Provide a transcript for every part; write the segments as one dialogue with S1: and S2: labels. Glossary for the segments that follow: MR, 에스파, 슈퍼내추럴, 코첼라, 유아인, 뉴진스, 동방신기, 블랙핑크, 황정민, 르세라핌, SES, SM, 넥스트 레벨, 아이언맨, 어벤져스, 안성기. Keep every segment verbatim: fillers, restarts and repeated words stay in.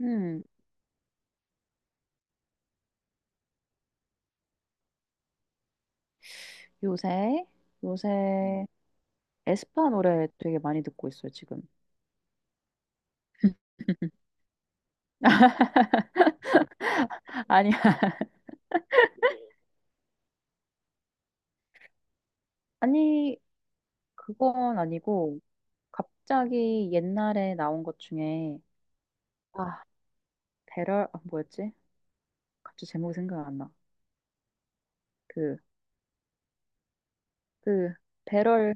S1: 음, 요새, 요새 에스파 노래 되게 많이 듣고 있어요, 지금. 아니, 아니, 그건 아니고, 갑자기 옛날에 나온 것 중에, 아, 배럴, 아, 뭐였지? 갑자기 제목이 생각 안 나. 그, 그, 배럴,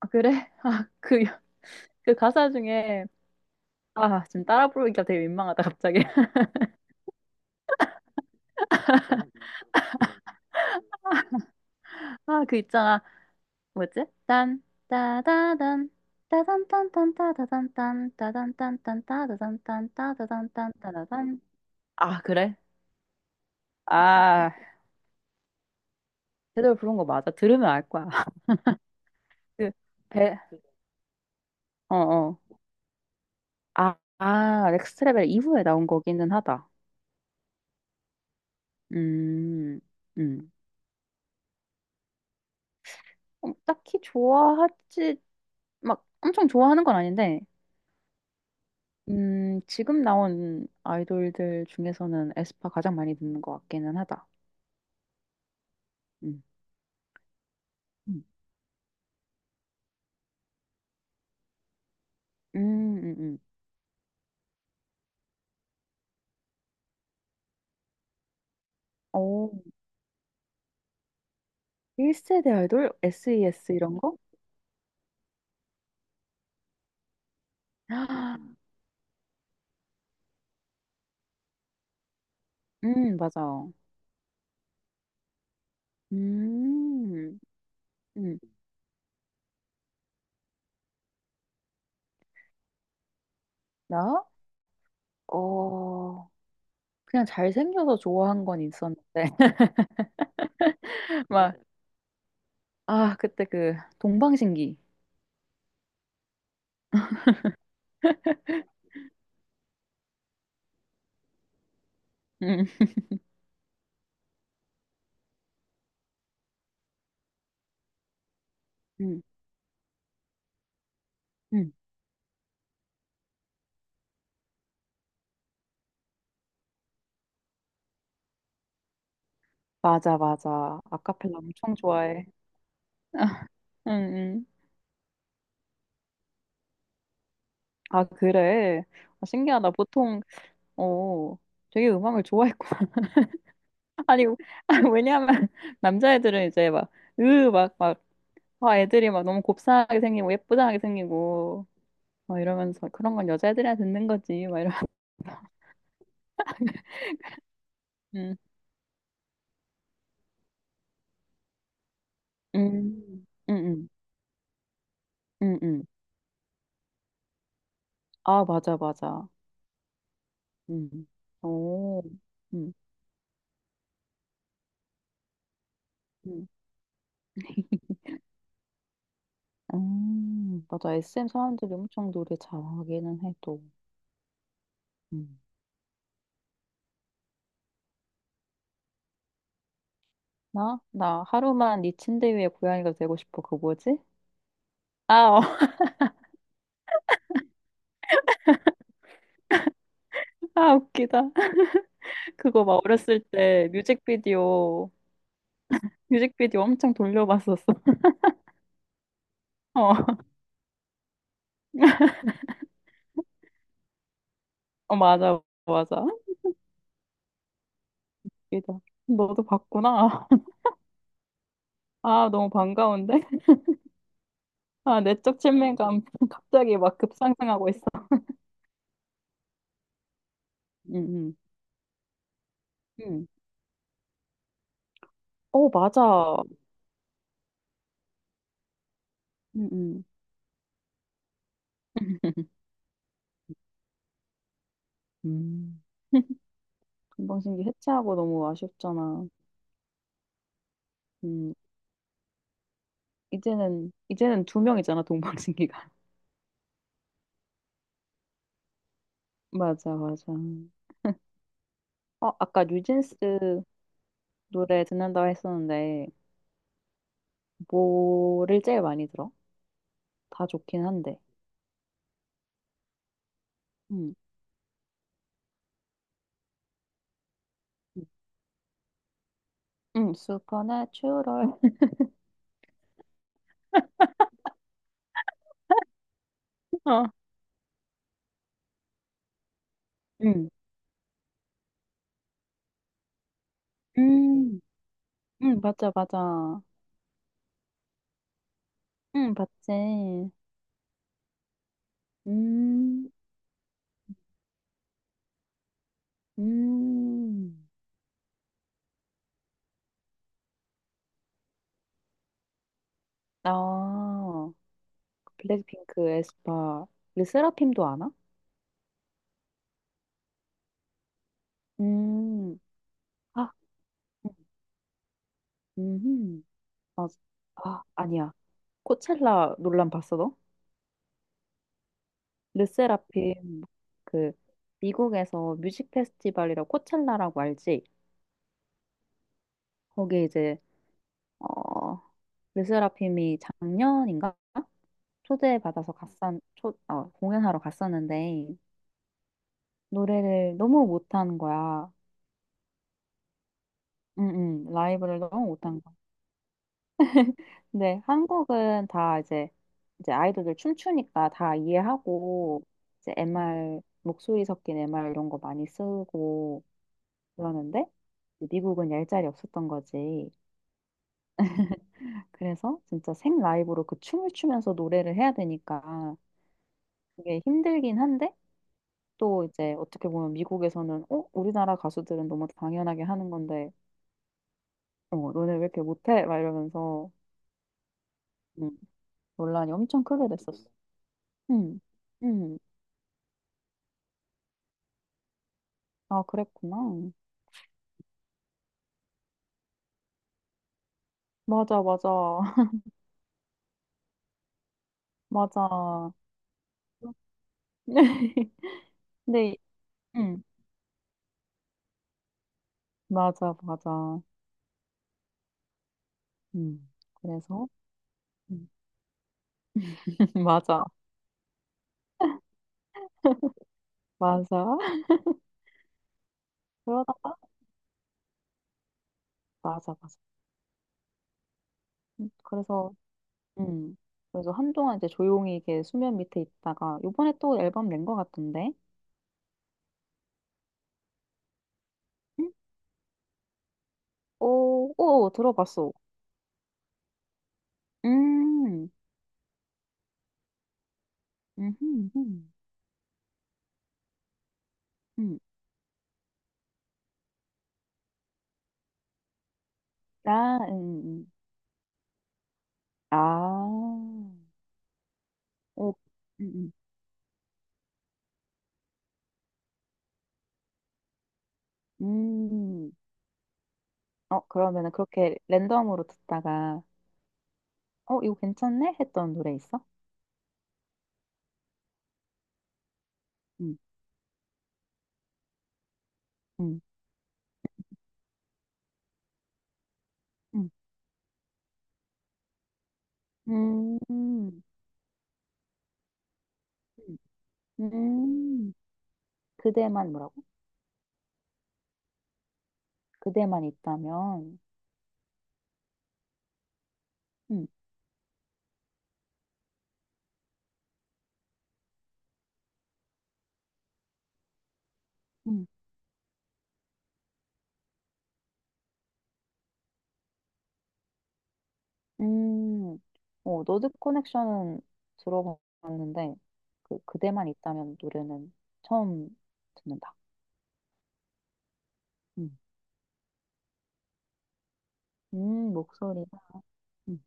S1: 아, 그래? 그, 그 가사 중에, 아, 지금 따라 부르기가 되게 민망하다, 갑자기. 아, 그 있잖아. 뭐였지? 딴 따다단 따단딴딴따다단딴 따단딴딴따다단딴따다단딴따다단. 아 그래? 아 제대로 부른 거 맞아. 들으면 알 거야. 그 배어어. 아 아, 아 넥스트 레벨 이후에 나온 거기는 하다. 음음 딱히 좋아하지. 막 엄청 좋아하는 건 아닌데. 음 지금 나온 아이돌들 중에서는 에스파 가장 많이 듣는 것 같기는 하다. 음. 음, 음, 음. 음. 오, 일 세대 아이돌? 에스이에스 이런 거? 아, 음, 맞아. 음, 음, 나? 어, 그냥 잘생겨서 좋아한 건 있었는데. 막, 아, 그때 그 동방신기. 음, 음, 음. 맞아, 맞아. 아카펠라 엄청 좋아해. 음, 음. 아, 그래. 아, 신기하다. 보통, 어, 되게 음악을 좋아했구나. 아니, 아, 왜냐면, 남자애들은 이제 막, 으, 막, 막, 와, 애들이 막 너무 곱상하게 생기고 예쁘장하게 생기고 막 이러면서 그런 건 여자애들이나 듣는 거지 막 이러. 음, 음, 음, 음, 음, 음. 아, 맞아, 맞아. 음, 오, 음, 음. 음, 맞아. 에스엠 사람들이 엄청 노래 잘하기는 해, 또. 음. 나? 나 하루만 네 침대 위에 고양이가 되고 싶어. 그 뭐지? 아, 어. 아, 웃기다. 그거 막 어렸을 때 뮤직비디오, 뮤직비디오 엄청 돌려봤었어. 어. 어, 맞아, 맞아. 이다. 너도 봤구나. 아, 너무 반가운데? 아, 내적 친밀감 갑자기 막 급상승하고 있어. 응, 응, 응. 어, 맞아. 응, 응. 음. 동방신기 해체하고 너무 아쉽잖아. 음, 이제는, 이제는 두 명이잖아, 동방신기가. 맞아, 맞아. 어, 아까 뉴진스 노래 듣는다고 했었는데, 뭐를 제일 많이 들어? 다 좋긴 한데. 응, 응, 슈퍼내추럴. 어. 응. 음, 음, 맞아, 맞아. 응, 봤지. 음, 음. 아, 블랙핑크, 에스파. 우리 세라핌도 아나? 음, 아, 음, 아, 아, 아니야. 코첼라 논란 봤어, 너? 르세라핌, 그, 미국에서 뮤직 페스티벌이라고 코첼라라고 알지? 거기 이제, 어, 르세라핌이 작년인가? 초대받아서 갔었, 초, 어, 공연하러 갔었는데, 노래를 너무 못하는 거야. 응, 응, 라이브를 너무 못한 거야. 근데 한국은 다 이제, 이제 아이돌들 춤추니까 다 이해하고, 이제 엠알, 목소리 섞인 엠알 이런 거 많이 쓰고 그러는데, 미국은 얄짤이 없었던 거지. 그래서 진짜 생 라이브로 그 춤을 추면서 노래를 해야 되니까 그게 힘들긴 한데, 또 이제 어떻게 보면 미국에서는, 어, 우리나라 가수들은 너무 당연하게 하는 건데, 어, 너네 왜 이렇게 못해? 막 이러면서. 음, 논란이 엄청 크게 됐었어. 응, 응. 아, 그랬구나. 맞아, 맞아. 맞아. 근데, 응, 맞아, 맞아. 응, 그래서, 응. 맞아, 맞아. 그러다가, 맞아, 맞아. 음, 그래서, 응. 그래서 한동안 이제 조용히 이게 수면 밑에 있다가, 요번에 또 앨범 낸 것 같던데? 응? 오, 오, 들어봤어. 음, 음, 음, 음. 음. 아, 음, 음. 아. 오, 음, 음. 음. 어, 그러면은 그렇게 랜덤으로 듣다가, 어, 이거 괜찮네? 했던 노래 있어? 음, 음, 음, 음, 음, 음. 그대만 뭐라고? 그대만 있다면. 음, 음, 음. 어, 노드 커넥션은 들어봤는데, 그, 그대만 있다면 노래는 처음 듣는다. 음, 음, 목소리가, 음,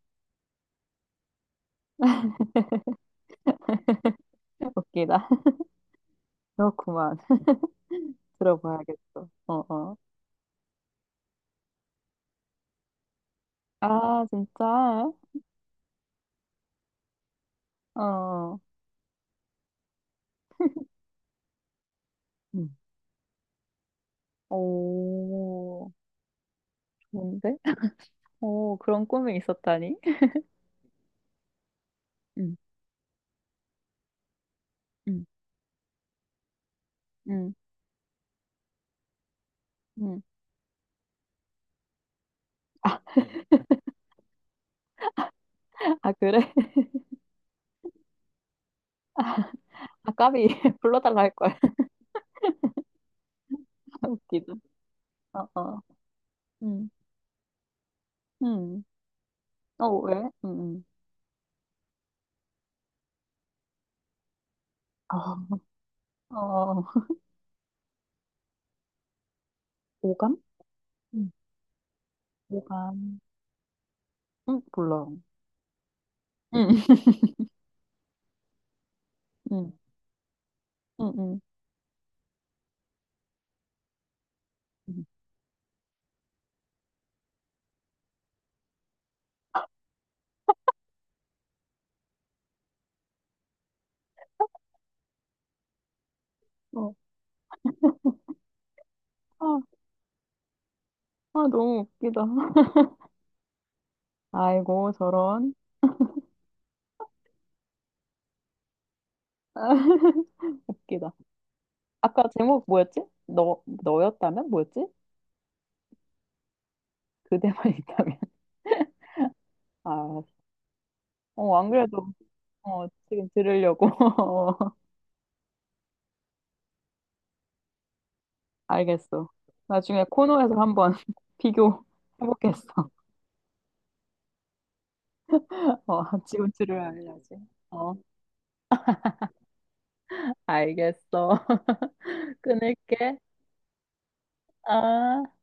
S1: 웃기다. 그렇구만. 들어봐야겠어. 어, 어. 아, 진짜? 어, 응, 오, 좋은데? 오, 그런 꿈이 있었다니? 응, 응, 응, 응. 아, 아, 그래? 아, 까비, 불러달라 할 거야. 웃기다. 어, 어, 응, 응. 어, 왜? 응, 아, 응. 어, 어. 오감? 응, 오감. 응, 몰라. 응, 응, 응, 응. 응. 어, 아, 아, 너무 웃기다. 아이고, 저런. 웃기다. 아까 제목 뭐였지? 너, 너였다면? 뭐였지? 그대만 있다면. 아, 어, 안 그래도, 어, 지금 들으려고. 어, 알겠어. 나중에 코너에서 한번 비교해보겠어. 어, 지금 들으려야지. 어, 알겠어. 끊을게. 아.